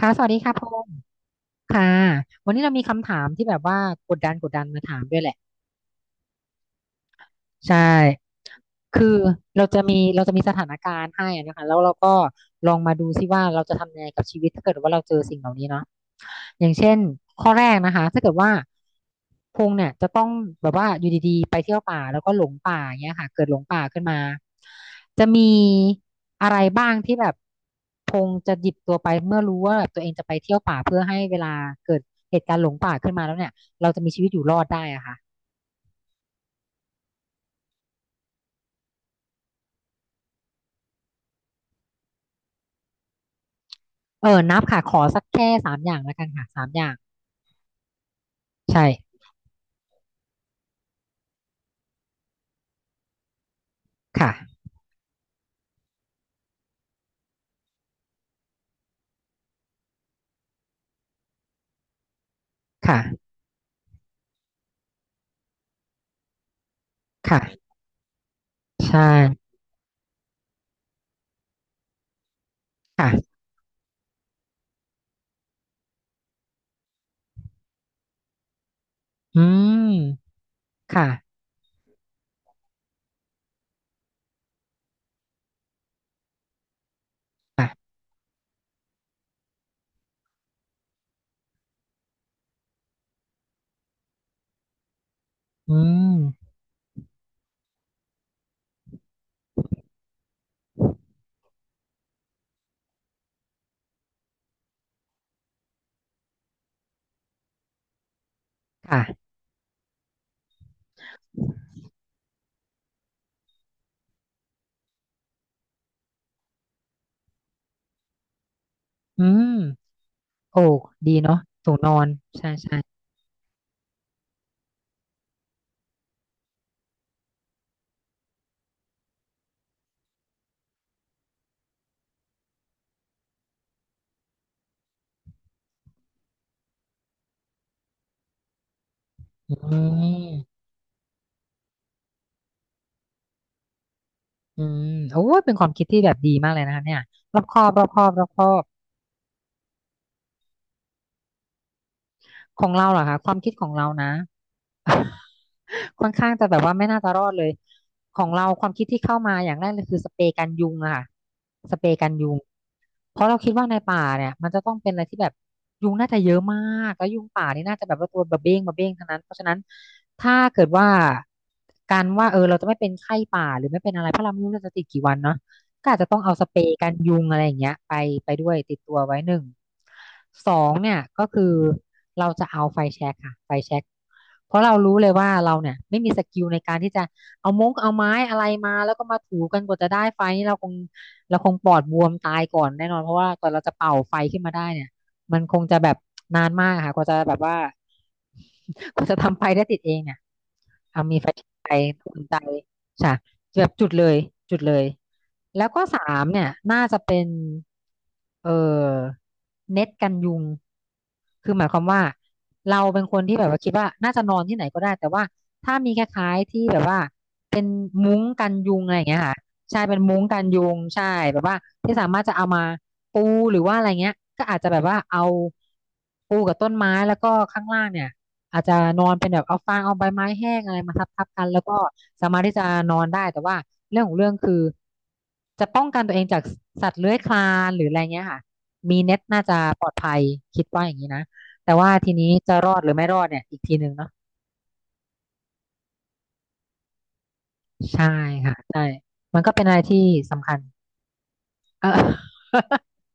ค่ะสวัสดีค่ะพงษ์ค่ะวันนี้เรามีคำถามที่แบบว่ากดดันมาถามด้วยแหละ ใช่คือเราจะมีสถานการณ์ให้อะนะคะแล้วเราก็ลองมาดูซิว่าเราจะทำยังไงกับชีวิตถ้าเกิดว่าเราเจอสิ่งเหล่านี้เนาะอย่างเช่นข้อแรกนะคะถ้าเกิดว่าพงษ์เนี่ยจะต้องแบบว่าอยู่ดีๆไปเที่ยวป่าแล้วก็หลงป่าอย่างเงี้ยค่ะเกิดหลงป่าขึ้นมาจะมีอะไรบ้างที่แบบพงษ์จะหยิบตัวไปเมื่อรู้ว่าแบบตัวเองจะไปเที่ยวป่าเพื่อให้เวลาเกิดเหตุการณ์หลงป่าขึ้นมาแล้วเนี่ยเราจะมีชีวิตอยู่รอดได้อะค่ะ นับค่ะขอสักแค่สามอย่างแล้วกันค่ะสามอย่างใช่ค่ะค่ะค่ะใช่ค่ะอืมค่ะค่ะอืมค่ะอืมโอ้ดีเนาะถุงนอนใช่ใช่อืมอืมโอ้ยเป็นความคิดที่แบบดีมากเลยนะคะเนี่ยรอบคอบรอบคอบรอบคอบของเราเหรอคะความคิดของเรานะ ค่อนข้างจะแบบว่าไม่น่าจะรอดเลยของเราความคิดที่เข้ามาอย่างแรกเลยคือสเปรย์กันยุงอะค่ะสเปรย์กันยุงเพราะเราคิดว่าในป่าเนี่ยมันจะต้องเป็นอะไรที่แบบยุงน่าจะเยอะมากแล้วยุงป่านี่น่าจะแบบว่าตัวบะเบ้งบะเบ้งทั้งนั้นเพราะฉะนั้นถ้าเกิดว่าการว่าเราจะไม่เป็นไข้ป่าหรือไม่เป็นอะไรเพราะเราไม่รู้เราจะติดกี่วันเนาะ ก็อาจจะต้องเอาสเปรย์กันยุงอะไรอย่างเงี้ยไปด้วยติดตัวไว้หนึ่งสองเนี่ยก็คือเราจะเอาไฟแช็กค่ะไฟแช็กเพราะเรารู้เลยว่าเราเนี่ยไม่มีสกิลในการที่จะเอามงเอาไม้อะไรมาแล้วก็มาถูกันกว่าจะได้ไฟนี่เราคงปอดบวมตายก่อนแน่นอนเพราะว่ากว่อนเราจะเป่าไฟขึ้นมาได้เนี่ยมันคงจะแบบนานมากค่ะกว่าจะแบบว่า กว่าจะทำไฟได้ติดเองเนี่ยเอามีไฟไปอุ่นใจค่ะแบบจุดเลยจุดเลย แล้วก็สามเนี่ยน่าจะเป็นเออเน็ตกันยุงคือหมายความว่าเราเป็นคนที่แบบว่าคิดว่า น่าจะนอนที่ไหนก็ได้ แต่ว่าถ้ามีคล้ายๆที่แบบว่าเป็นมุ้งกันยุงอะไรอย่างเงี้ยค่ะใช่เป็นมุ้งกันยุงใช่แบบว่าที่สามารถจะเอามาปูหรือว่าอะไรเงี้ยก็อาจจะแบบว่าเอาปูกับต้นไม้แล้วก็ข้างล่างเนี่ย อาจจะนอนเป็นแบบเอาฟางเอาใบไม้แห้งอะไรมาทับกันแล้วก็สามารถที่จะนอนได้แต่ว่าเรื่องของเรื่องคือจะป้องกันตัวเองจากสัตว์เลื้อยคลานหรืออะไรเงี้ยค่ะมีเน็ตน่าจะปลอดภัยคิดว่าอย่างนี้นะแต่ว่าทีนี้จะรอดหรือไม่รอดเนี่ยอีกทีหนึ่งเนาะใช่ค่ะใช่มันก็เป็นอะไรที่สำคัญ เออ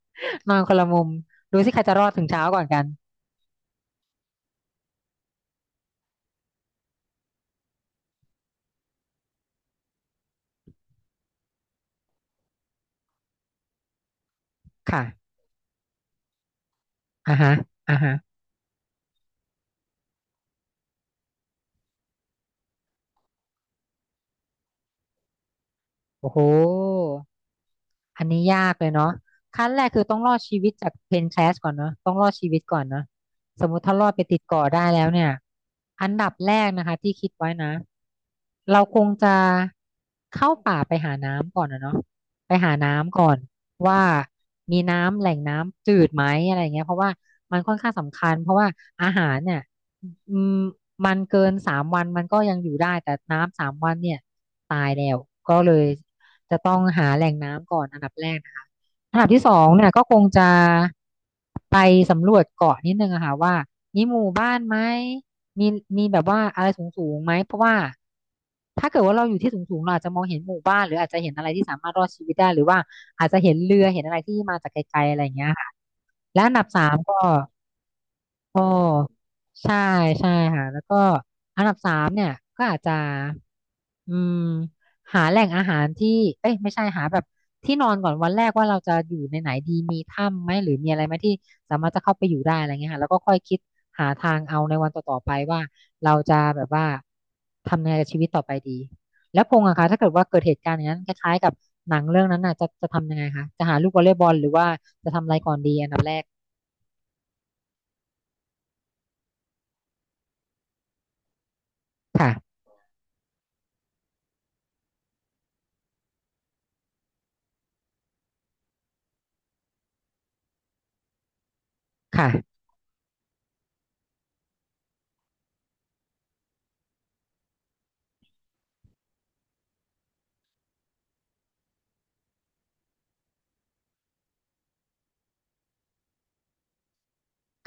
นอนคนละมุมดูสิใครจะรอดถึงเช้าก่อนกันค่ะอ่าฮะอ่าฮะโอ้โห อันนี้ยากเลยเนาะขั้นแรกคือต้องรอดชีวิตจากเพนแคสก่อนเนาะต้องรอดชีวิตก่อนเนาะสมมุติถ้ารอดไปติดเกาะได้แล้วเนี่ยอันดับแรกนะคะที่คิดไว้นะเราคงจะเข้าป่าไปหาน้ำก่อนนะเนาะไปหาน้ำก่อนว่ามีน้ำแหล่งน้ำจืดไหมอะไรอย่างเงี้ยเพราะว่ามันค่อนข้างสำคัญเพราะว่าอาหารเนี่ยอืมมันเกินสามวันมันก็ยังอยู่ได้แต่น้ำสามวันเนี่ยตายแล้วก็เลยจะต้องหาแหล่งน้ำ ดับแรกนะอันดับที่สองเนี่ยก็คงจะไปสำรวจเกาะนิดนึงอะค่ะว่ามีหมู่บ้านไหมมีมีแบบว่าอะไรสูงสูงไหมเพราะว่าถ้าเกิดว่าเราอยู่ที่สูงสูงเราอาจจะมองเห็นหมู่บ้านหรืออาจจะเห็นอะไรที่สามารถรอดชีวิตได้หรือว่าอาจจะเห็นเรือเห็นอะไรที่มาจากไกลๆอะไรอย่างเงี้ยอันดับสามก็ โอ้ใช่ใช่ค่ะแล้วก็อันดับสามเนี่ยก็อาจจะอืมหาแหล่งอาหารที่เอ้ยไม่ใช่หาแบบที่นอนก่อนวันแรกว่าเราจะอยู่ในไหนดีมีถ้ำไหมหรือมีอะไรไหมที่สามารถจะเข้าไปอยู่ได้อะไรเงี้ยค่ะแล้วก็ค่อยคิดหาทางเอาในวันต่อๆไปว่าเราจะแบบว่าทำยังไงกับชีวิตต่อไปดีแล้วพงษ์อะคะถ้าเกิดว่าเกิดเหตุการณ์อย่างนั้นคล้ายๆกับหนังเรื่องนั้นน่ะจะทำยังไงคะจะหาลูกวอลเลย์บอลหรือว่าจะทำอะไรก่อนดีอันดับแรกค่ะค่ะ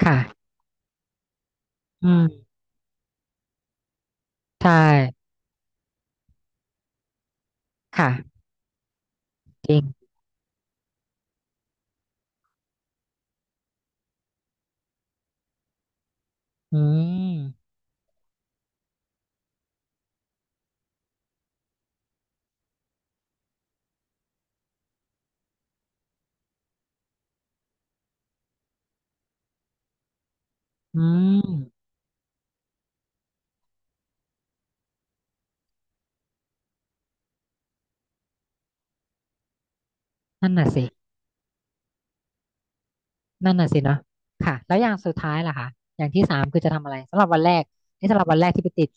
ค่ะ อืมใช่ค่ะจริงอืมอืมนั่นน่ะสินั่นน่ะสิเนาะค่ะแล้วอย่างสุดท้ายล่ะคะอย่างที่สามคือจะทำอะไรสำหรับวันแรกนี่สำหรับวันแรกที่ไปติด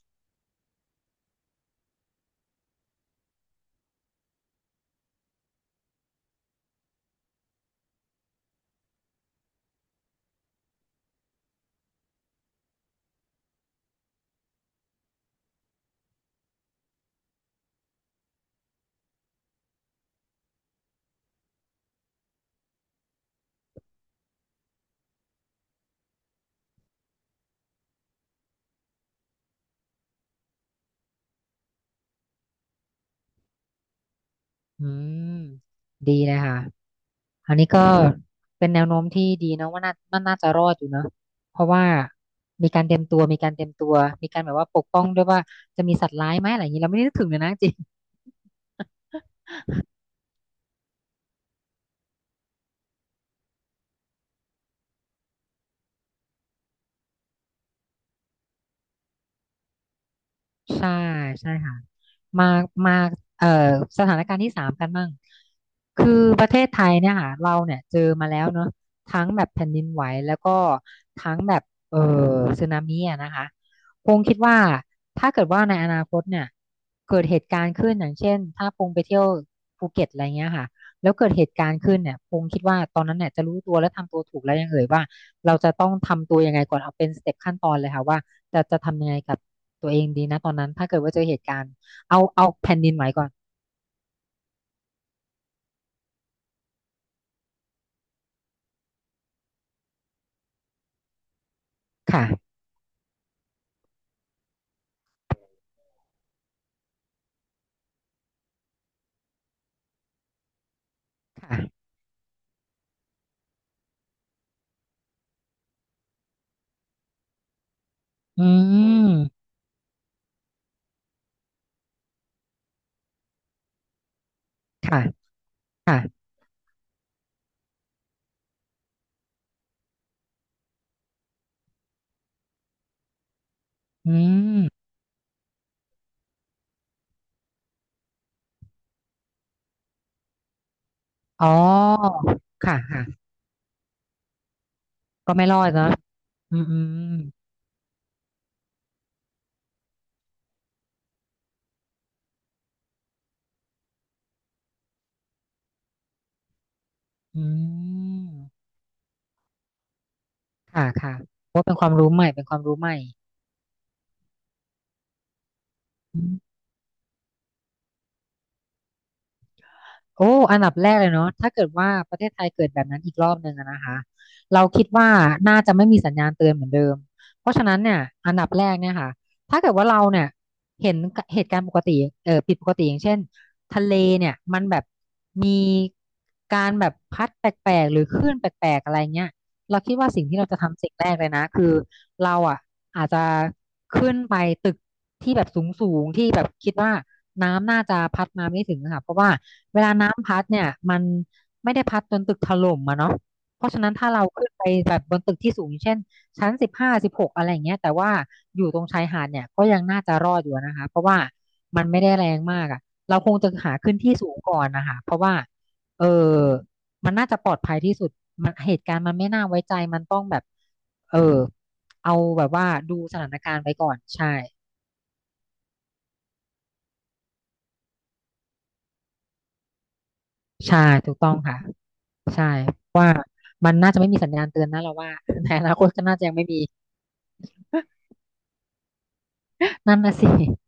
อืมดีเลยค่ะอันนี้ก็เป็นแนวโน้มที่ดีเนาะว่าน่าจะรอดอยู่เนาะเพราะว่ามีการเตรียมตัวมีการเตรียมตัวมีการแบบว่าปกป้องด้วยว่าจะมีสัตว์ร้ายไหมอะไรอย่างนี้เราไม่ได้นึกถึงเลยนะจริง ใช่ใช่ค่ะมามาเอ่อสถานการณ์ที่สามกันบ้างคือประเทศไทยเนี่ยค่ะเราเนี่ยเจอมาแล้วเนอะทั้งแบบแผ่นดินไหวแล้วก็ทั้งแบบเอ่อสึนามิอะนะคะพงคิดว่าถ้าเกิดว่าในอนาคตเนี่ยเกิดเหตุการณ์ขึ้นอย่างเช่นถ้าพงไปเที่ยวภูเก็ตอะไรเงี้ยค่ะแล้วเกิดเหตุการณ์ขึ้นเนี่ยพงคิดว่าตอนนั้นเนี่ยจะรู้ตัวและทำตัวถูกแล้วยังเอ่ยว่าเราจะต้องทำตัวยังไงก่อนเอาเป็นสเต็ปขั้นตอนเลยค่ะว่า จะทำยังไงกับตัวเองดีนะตอนนั้นถ้าเกิดว่าเจอเหตุการณ์เอาแผ่นดินไหวก่อนค่ะค่ะอืมค่ะค่ะอืมอ๋อค่ะค่ะก็ไม่รอดเนอะอืมอืมอืมค่ะค่ะว่าเป็นความรู้ใหม่เป็นความรู้ใหม่อื โอ้อันดับแรกเลยเนาะถ้าเกิดว่าประเทศไทยเกิดแบบนั้นอีกรอบหนึ่งอะนะคะ เราคิดว่าน่าจะไม่มีสัญญาณเตือนเหมือนเดิม เพราะฉะนั้นเนี่ยอันดับแรกเนี่ยค่ะถ้าเกิดว่าเราเนี่ยเห็นเหตุการณ์ปกติเออผิดปกติอย่างเช่นทะเลเนี่ยมันแบบมีการแบบพัดแปลกๆ หรือคลื่นแปลกๆ อะไรเงี้ย เราคิดว่าสิ่งที่เราจะทำสิ่งแรกเลยนะคือเราอ่ะอาจจะขึ้นไปตึกที่แบบสูงสูงที่แบบคิดว่าน้ำน่าจะพัดมาไม่ถึงอะค่ะเพราะว่าเวลาน้ำพัดเนี่ยมันไม่ได้พัดจนตึกถล่มอะเนาะเพราะฉะนั้นถ้าเราขึ้นไปแบบบนตึกที่สูงอย่างเช่นชั้น1516อะไรอย่างเงี้ยแต่ว่าอยู่ตรงชายหาดเนี่ยก็ยังน่าจะรอดอยู่นะคะเพราะว่ามันไม่ได้แรงมากอะเราคงจะหาขึ้นที่สูงก่อนนะคะเพราะว่าเออ มันน่าจะปลอดภัยที่สุดมันเหตุการณ์มันไม่น่าไว้ใจมันต้องแบบเออเอาแบบว่าดูสถานการณ์ไว้ก่อนใช่ ใช่ถูกต้องค่ะ ใช่ ว่ามันน่าจะไม่มีสัญญาณเตือนนะเราว่า ในอนาคตก็น่าจะยังไม่มี นั่นนะสิ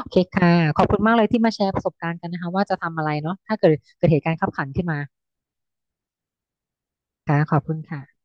โอเคค่ะ ขอบคุณมากเลยที่มาแชร์ประสบการณ์กันนะคะว่าจะทำอะไรเนาะถ้าเกิดเหตุการณ์คับขันขึ้นมาค่ะขอบคุณค่ะ